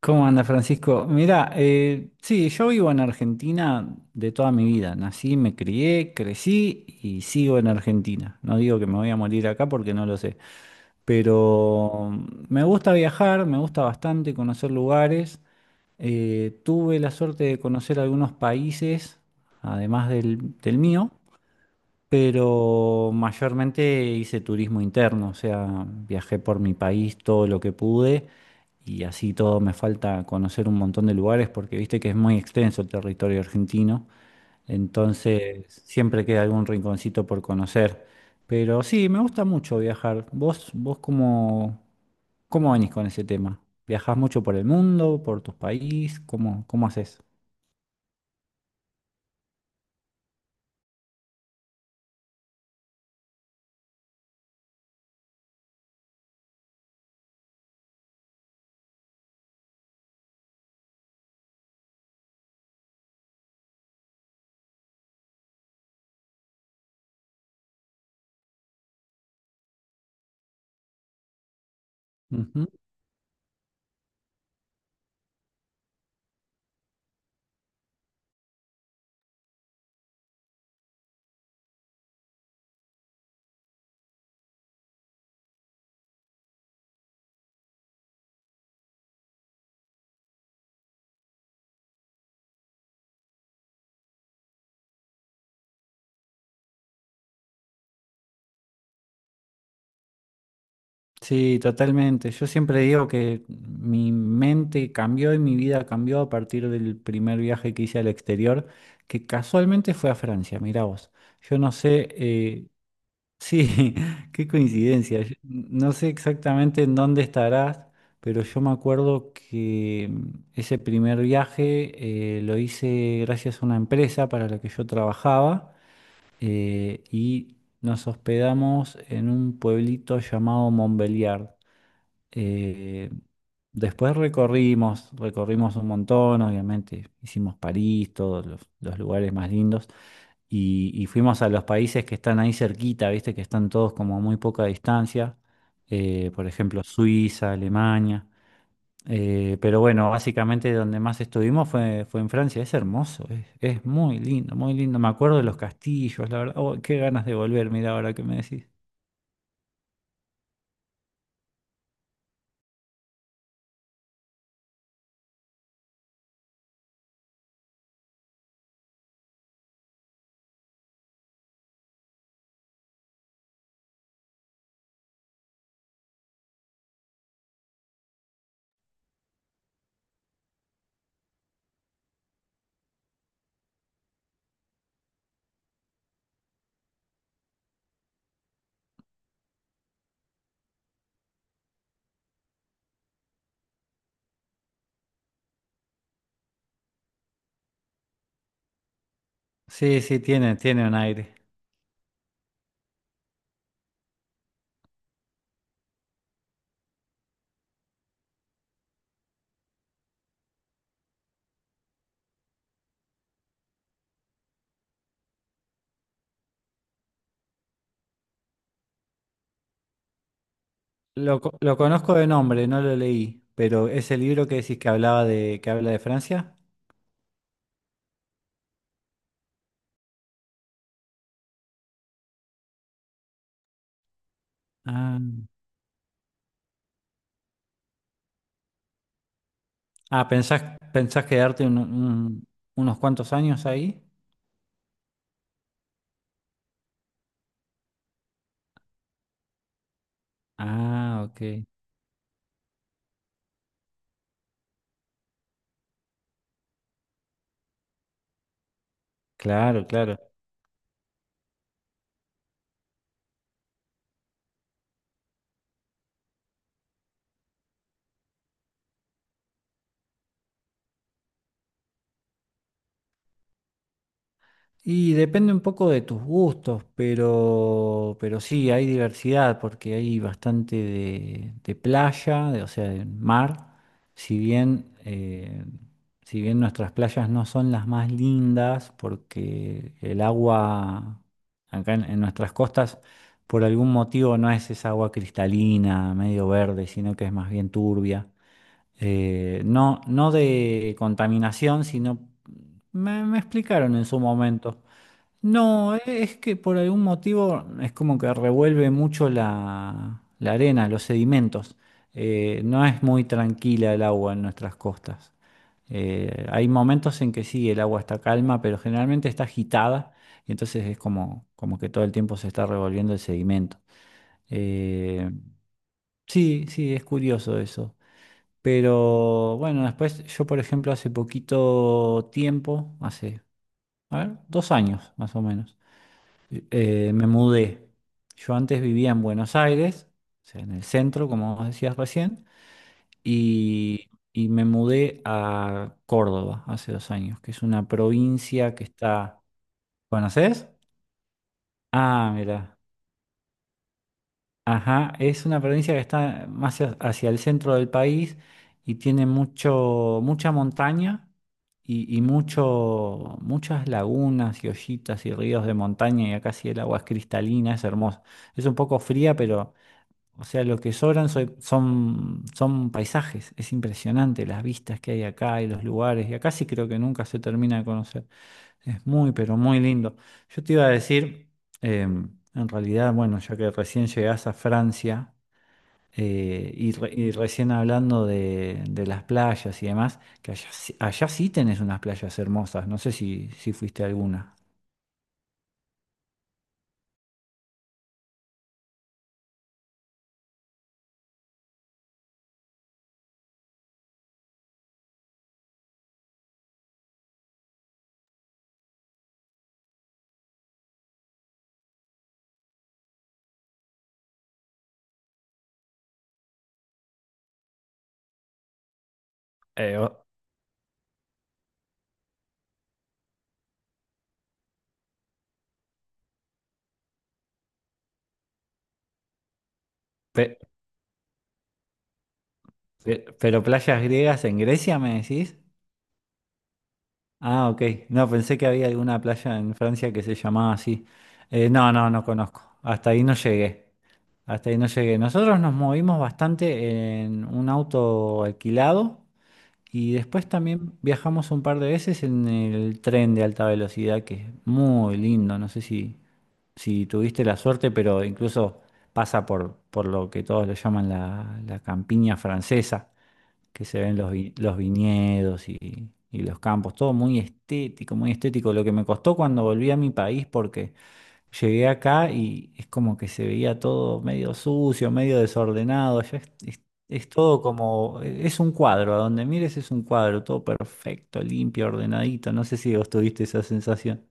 ¿Cómo anda Francisco? Mira, sí, yo vivo en Argentina de toda mi vida. Nací, me crié, crecí y sigo en Argentina. No digo que me voy a morir acá porque no lo sé. Pero me gusta viajar, me gusta bastante conocer lugares. Tuve la suerte de conocer algunos países, además del mío, pero mayormente hice turismo interno, o sea, viajé por mi país todo lo que pude, y así todo me falta conocer un montón de lugares porque viste que es muy extenso el territorio argentino, entonces siempre queda algún rinconcito por conocer. Pero sí, me gusta mucho viajar. ¿Vos cómo, cómo venís con ese tema? ¿Viajás mucho por el mundo, por tu país? ¿Cómo, cómo haces? Sí, totalmente. Yo siempre digo que mi mente cambió y mi vida cambió a partir del primer viaje que hice al exterior, que casualmente fue a Francia, mirá vos. Yo no sé, sí, qué coincidencia. Yo no sé exactamente en dónde estarás, pero yo me acuerdo que ese primer viaje lo hice gracias a una empresa para la que yo trabajaba, y nos hospedamos en un pueblito llamado Montbéliard. Eh, Después recorrimos un montón, obviamente, hicimos París, todos los lugares más lindos, y fuimos a los países que están ahí cerquita, viste, que están todos como a muy poca distancia, por ejemplo, Suiza, Alemania. Pero bueno, básicamente donde más estuvimos fue en Francia, es hermoso, es muy lindo, muy lindo. Me acuerdo de los castillos, la verdad, oh, qué ganas de volver, mira ahora que me decís. Sí, sí, tiene, tiene un aire. Lo, lo conozco de nombre, no lo leí, pero es el libro que decís que hablaba de, que habla de Francia. Ah, ah, ¿pensás, pensás quedarte unos cuantos años ahí? Ah, ok. Claro, claro. Y depende un poco de tus gustos, pero sí, hay diversidad porque hay bastante de playa, o sea, de mar. Si bien, si bien nuestras playas no son las más lindas porque el agua acá en nuestras costas por algún motivo no es esa agua cristalina, medio verde, sino que es más bien turbia. No, no de contaminación, sino... Me explicaron en su momento. No, es que por algún motivo es como que revuelve mucho la, la arena, los sedimentos. No es muy tranquila el agua en nuestras costas. Hay momentos en que sí, el agua está calma, pero generalmente está agitada y entonces es como, como que todo el tiempo se está revolviendo el sedimento. Eh, sí, sí, es curioso eso. Pero bueno, después yo, por ejemplo, hace poquito tiempo, hace, a ver, 2 años más o menos me mudé. Yo antes vivía en Buenos Aires, o sea, en el centro, como vos decías recién, y me mudé a Córdoba hace 2 años, que es una provincia que está... ¿Conoces? Ah, mira. Ajá, es una provincia que está más hacia el centro del país y tiene mucho, mucha montaña y mucho, muchas lagunas y ollitas y ríos de montaña y acá sí el agua es cristalina, es hermosa. Es un poco fría. O sea, lo que sobran son, son paisajes. Es impresionante las vistas que hay acá y los lugares. Y acá sí creo que nunca se termina de conocer. Es muy, pero muy lindo. Yo te iba a decir, en realidad, bueno, ya que recién llegás a Francia, y, y recién hablando de las playas y demás, que allá, allá sí tenés unas playas hermosas. No sé si, si fuiste a alguna. Eh, o- pe- pero ¿playas griegas en Grecia, me decís? Ah, ok. No, pensé que había alguna playa en Francia que se llamaba así. No, no, no conozco. Hasta ahí no llegué. Hasta ahí no llegué. Nosotros nos movimos bastante en un auto alquilado y después también viajamos un par de veces en el tren de alta velocidad, que es muy lindo. No sé si, si tuviste la suerte, pero incluso pasa por lo que todos le llaman la, la campiña francesa, que se ven los, los viñedos y los campos, todo muy estético, lo que me costó cuando volví a mi país porque llegué acá y es como que se veía todo medio sucio, medio desordenado. Allá es, es todo como, e, es un cuadro, a donde mires es un cuadro, todo perfecto, limpio, ordenadito. No sé si vos tuviste esa sensación.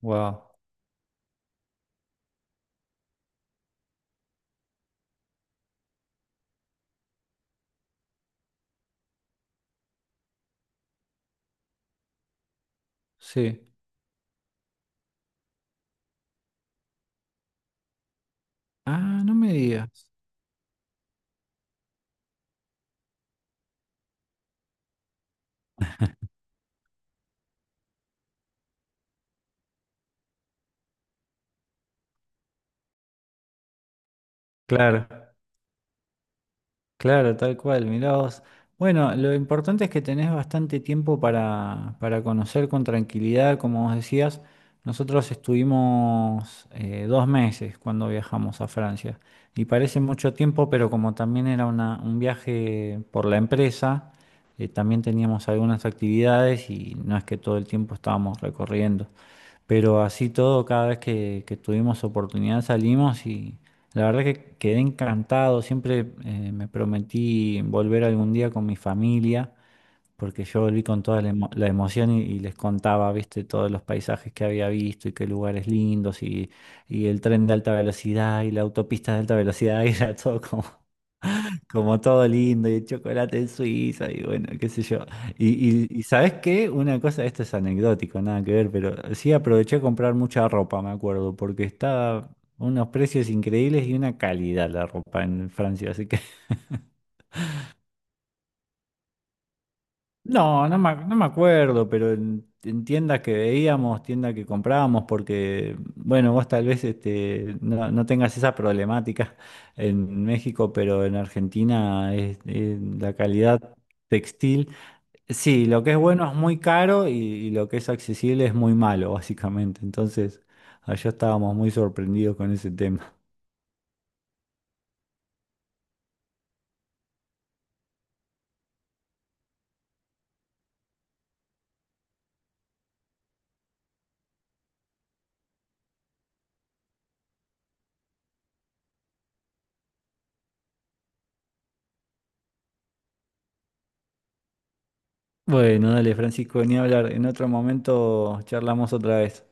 Wow, sí. Ah, no me digas. Claro. Claro, tal cual, mirá vos. Bueno, lo importante es que tenés bastante tiempo para conocer con tranquilidad, como vos decías. Nosotros estuvimos 2 meses cuando viajamos a Francia, y parece mucho tiempo, pero como también era un viaje por la empresa, también teníamos algunas actividades y no es que todo el tiempo estábamos recorriendo. Pero así todo, cada vez que tuvimos oportunidad salimos, y la verdad que quedé encantado. Siempre me prometí volver algún día con mi familia, porque yo volví con toda la, la emoción, y les contaba, viste, todos los paisajes que había visto y qué lugares lindos, y el tren de alta velocidad y la autopista de alta velocidad y era todo como como todo lindo, y el chocolate en Suiza, y bueno, qué sé yo. Y ¿sabes qué? Una cosa, esto es anecdótico, nada que ver, pero sí aproveché a comprar mucha ropa, me acuerdo, porque estaba unos precios increíbles y una calidad la ropa en Francia, así que... No, no me, no me acuerdo, pero en tiendas que veíamos, tiendas que comprábamos, porque, bueno, vos tal vez este, no, no tengas esa problemática en México, pero en Argentina es la calidad textil. Sí, lo que es bueno es muy caro y lo que es accesible es muy malo, básicamente. Entonces, allá estábamos muy sorprendidos con ese tema. Bueno, dale, Francisco, ni hablar. En otro momento charlamos otra vez.